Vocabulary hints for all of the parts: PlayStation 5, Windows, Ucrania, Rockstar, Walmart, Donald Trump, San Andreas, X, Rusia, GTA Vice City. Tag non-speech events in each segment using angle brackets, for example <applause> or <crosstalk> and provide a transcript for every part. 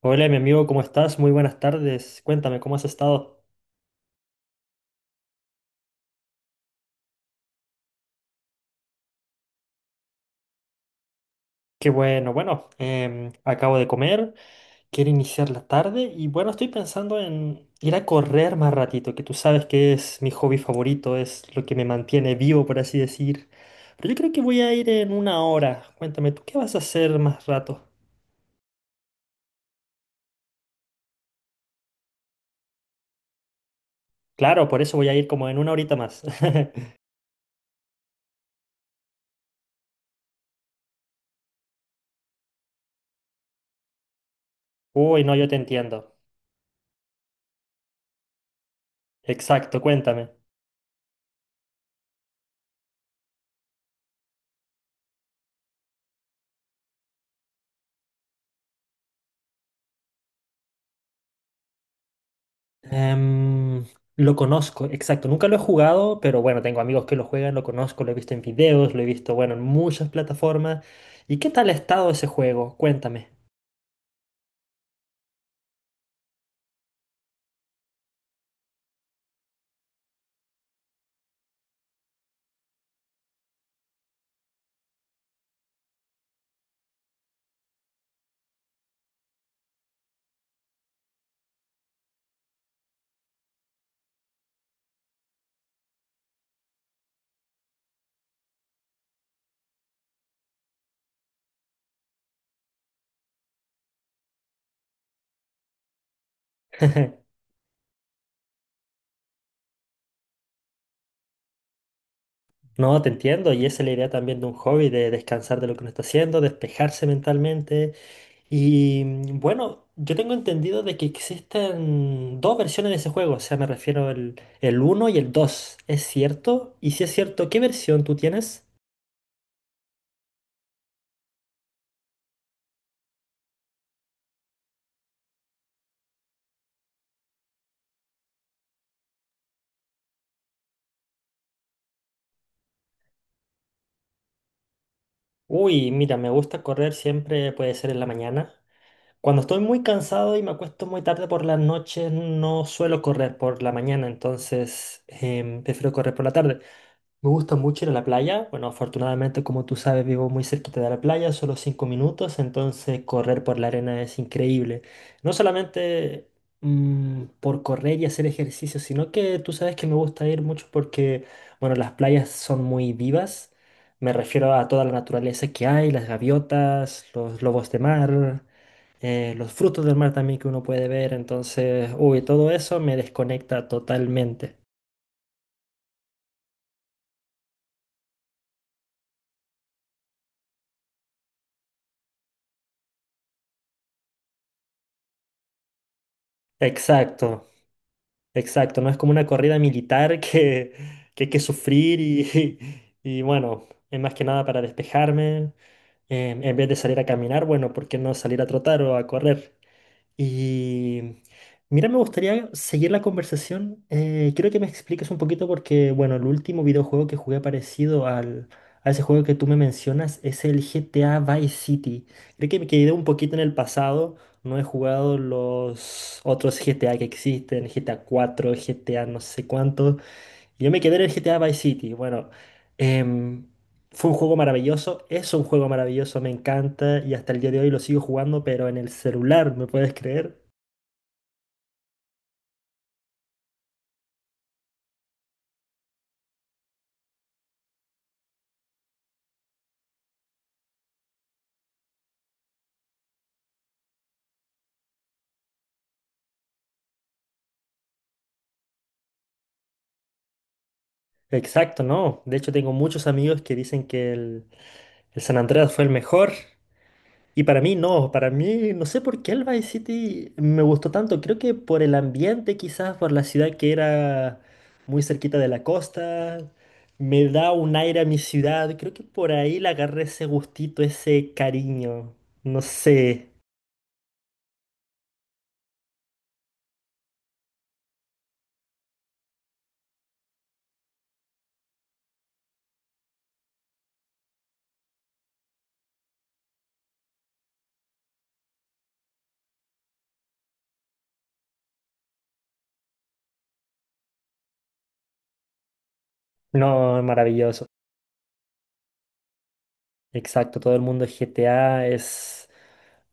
Hola, mi amigo, ¿cómo estás? Muy buenas tardes. Cuéntame, ¿cómo has estado? Qué bueno, acabo de comer, quiero iniciar la tarde y bueno, estoy pensando en ir a correr más ratito, que tú sabes que es mi hobby favorito, es lo que me mantiene vivo, por así decir. Pero yo creo que voy a ir en una hora. Cuéntame, ¿tú qué vas a hacer más rato? Claro, por eso voy a ir como en una horita más. <laughs> Uy, no, yo te entiendo. Exacto, cuéntame. Em, lo conozco, exacto. Nunca lo he jugado, pero bueno, tengo amigos que lo juegan, lo conozco, lo he visto en videos, lo he visto, bueno, en muchas plataformas. ¿Y qué tal ha estado ese juego? Cuéntame. <laughs> No, te entiendo, y esa es la idea también de un hobby, de descansar de lo que uno está haciendo, despejarse mentalmente. Y bueno, yo tengo entendido de que existen dos versiones de ese juego, o sea, me refiero al el uno y el dos. ¿Es cierto? Y si es cierto, ¿qué versión tú tienes? Uy, mira, me gusta correr siempre, puede ser en la mañana. Cuando estoy muy cansado y me acuesto muy tarde por las noches, no suelo correr por la mañana, entonces prefiero correr por la tarde. Me gusta mucho ir a la playa. Bueno, afortunadamente, como tú sabes, vivo muy cerquita de la playa, solo 5 minutos, entonces correr por la arena es increíble. No solamente por correr y hacer ejercicio, sino que tú sabes que me gusta ir mucho porque, bueno, las playas son muy vivas. Me refiero a toda la naturaleza que hay, las gaviotas, los lobos de mar, los frutos del mar también que uno puede ver. Entonces, uy, todo eso me desconecta totalmente. Exacto. Exacto, no es como una corrida militar que hay que sufrir y, <laughs> y bueno, es más que nada para despejarme. Em, en vez de salir a caminar, bueno, ¿por qué no salir a trotar o a correr? Y mira, me gustaría seguir la conversación. Quiero que me expliques un poquito porque, bueno, el último videojuego que jugué parecido a ese juego que tú me mencionas es el GTA Vice City. Creo que me quedé un poquito en el pasado. No he jugado los otros GTA que existen, GTA 4, GTA no sé cuánto. Yo me quedé en el GTA Vice City. Bueno, em, fue un juego maravilloso, es un juego maravilloso, me encanta y hasta el día de hoy lo sigo jugando, pero en el celular, ¿me puedes creer? Exacto, no. De hecho, tengo muchos amigos que dicen que el San Andreas fue el mejor. Y para mí no sé por qué el Vice City me gustó tanto. Creo que por el ambiente, quizás por la ciudad que era muy cerquita de la costa, me da un aire a mi ciudad. Creo que por ahí le agarré ese gustito, ese cariño. No sé, no, es maravilloso. Exacto, todo el mundo es GTA es...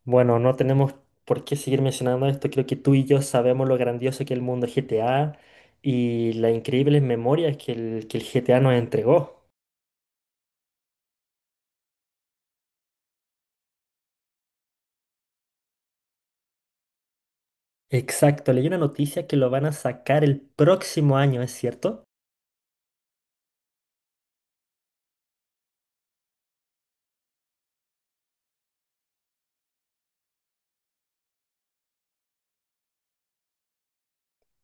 Bueno, no tenemos por qué seguir mencionando esto, creo que tú y yo sabemos lo grandioso que es el mundo GTA y las increíbles memorias que el GTA nos entregó. Exacto, leí una noticia que lo van a sacar el próximo año, ¿es cierto?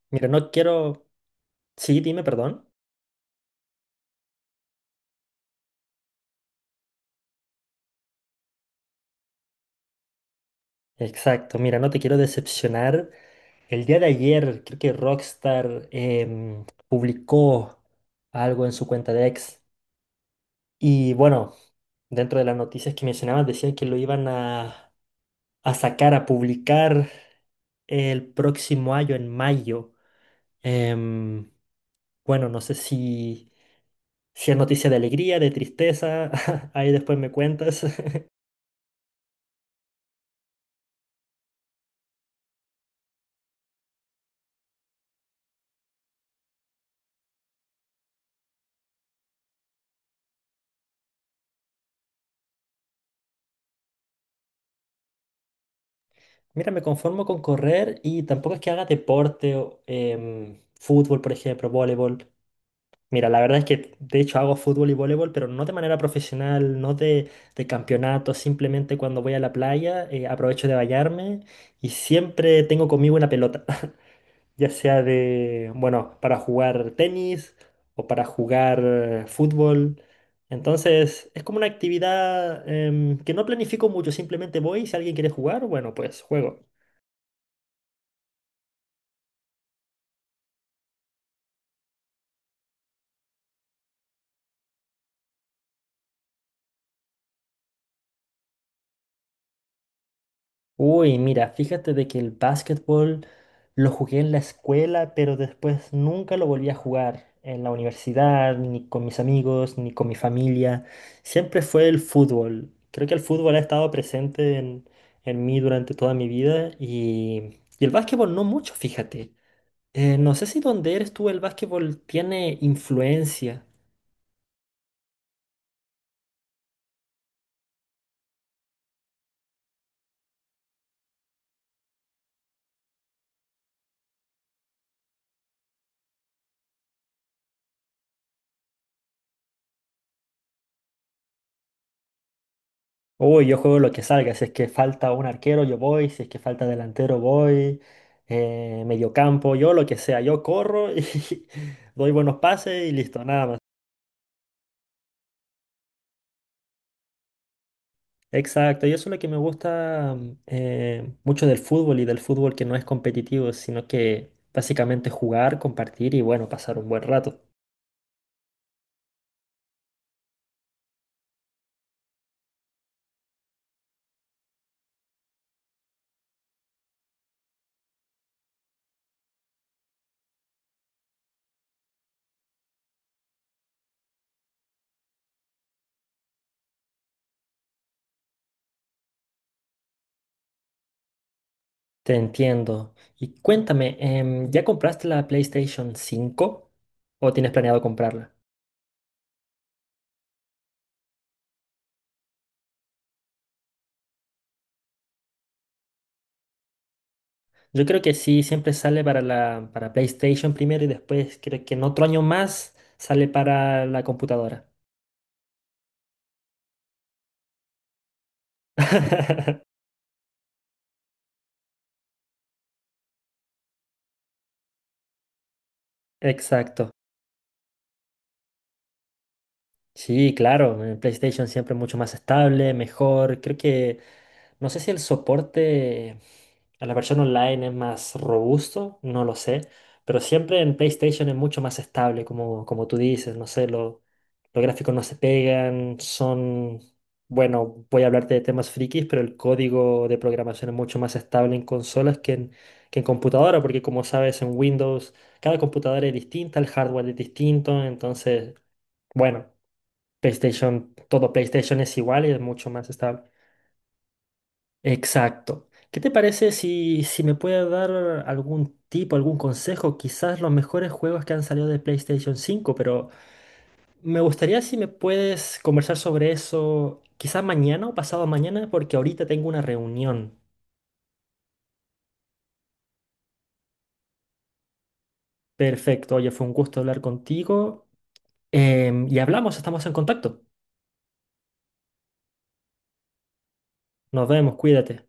Mira, no quiero... Sí, dime, perdón. Exacto, mira, no te quiero decepcionar. El día de ayer creo que Rockstar publicó algo en su cuenta de X. Y bueno, dentro de las noticias que mencionabas, decían que lo iban a sacar, a publicar el próximo año, en mayo. Em, bueno, no sé si, si es noticia de alegría, de tristeza, <laughs> ahí después me cuentas. <laughs> Mira, me conformo con correr y tampoco es que haga deporte, o fútbol, por ejemplo, voleibol. Mira, la verdad es que de hecho hago fútbol y voleibol, pero no de manera profesional, no de, de campeonato, simplemente cuando voy a la playa aprovecho de bañarme y siempre tengo conmigo una pelota, <laughs> ya sea de, bueno, para jugar tenis o para jugar fútbol. Entonces es como una actividad que no planifico mucho, simplemente voy, si alguien quiere jugar, bueno, pues juego. Uy, mira, fíjate de que el básquetbol lo jugué en la escuela, pero después nunca lo volví a jugar en la universidad, ni con mis amigos, ni con mi familia. Siempre fue el fútbol. Creo que el fútbol ha estado presente en mí durante toda mi vida y el básquetbol no mucho, fíjate. No sé si donde eres tú el básquetbol tiene influencia. Uy, yo juego lo que salga. Si es que falta un arquero, yo voy. Si es que falta delantero, voy. Mediocampo, yo lo que sea. Yo corro y <laughs> doy buenos pases y listo, nada más. Exacto, y eso es lo que me gusta mucho del fútbol y del fútbol que no es competitivo, sino que básicamente jugar, compartir y bueno, pasar un buen rato. Te entiendo. Y cuéntame, ¿ya compraste la PlayStation 5 o tienes planeado comprarla? Yo creo que sí, siempre sale para para PlayStation primero y después creo que en otro año más sale para la computadora. <laughs> Exacto. Sí, claro, en PlayStation siempre mucho más estable, mejor. Creo que, no sé si el soporte a la versión online es más robusto, no lo sé, pero siempre en PlayStation es mucho más estable, como, como tú dices, no sé, lo- los gráficos no se pegan, son, bueno, voy a hablarte de temas frikis, pero el código de programación es mucho más estable en consolas que en computadora, porque como sabes, en Windows cada computadora es distinta, el hardware es distinto, entonces, bueno. PlayStation, todo PlayStation es igual y es mucho más estable. Exacto. ¿Qué te parece si, si me puedes dar algún tipo, algún consejo? Quizás los mejores juegos que han salido de PlayStation 5, pero me gustaría si me puedes conversar sobre eso quizás mañana o pasado mañana, porque ahorita tengo una reunión. Perfecto, oye, fue un gusto hablar contigo. Y hablamos, estamos en contacto. Nos vemos, cuídate.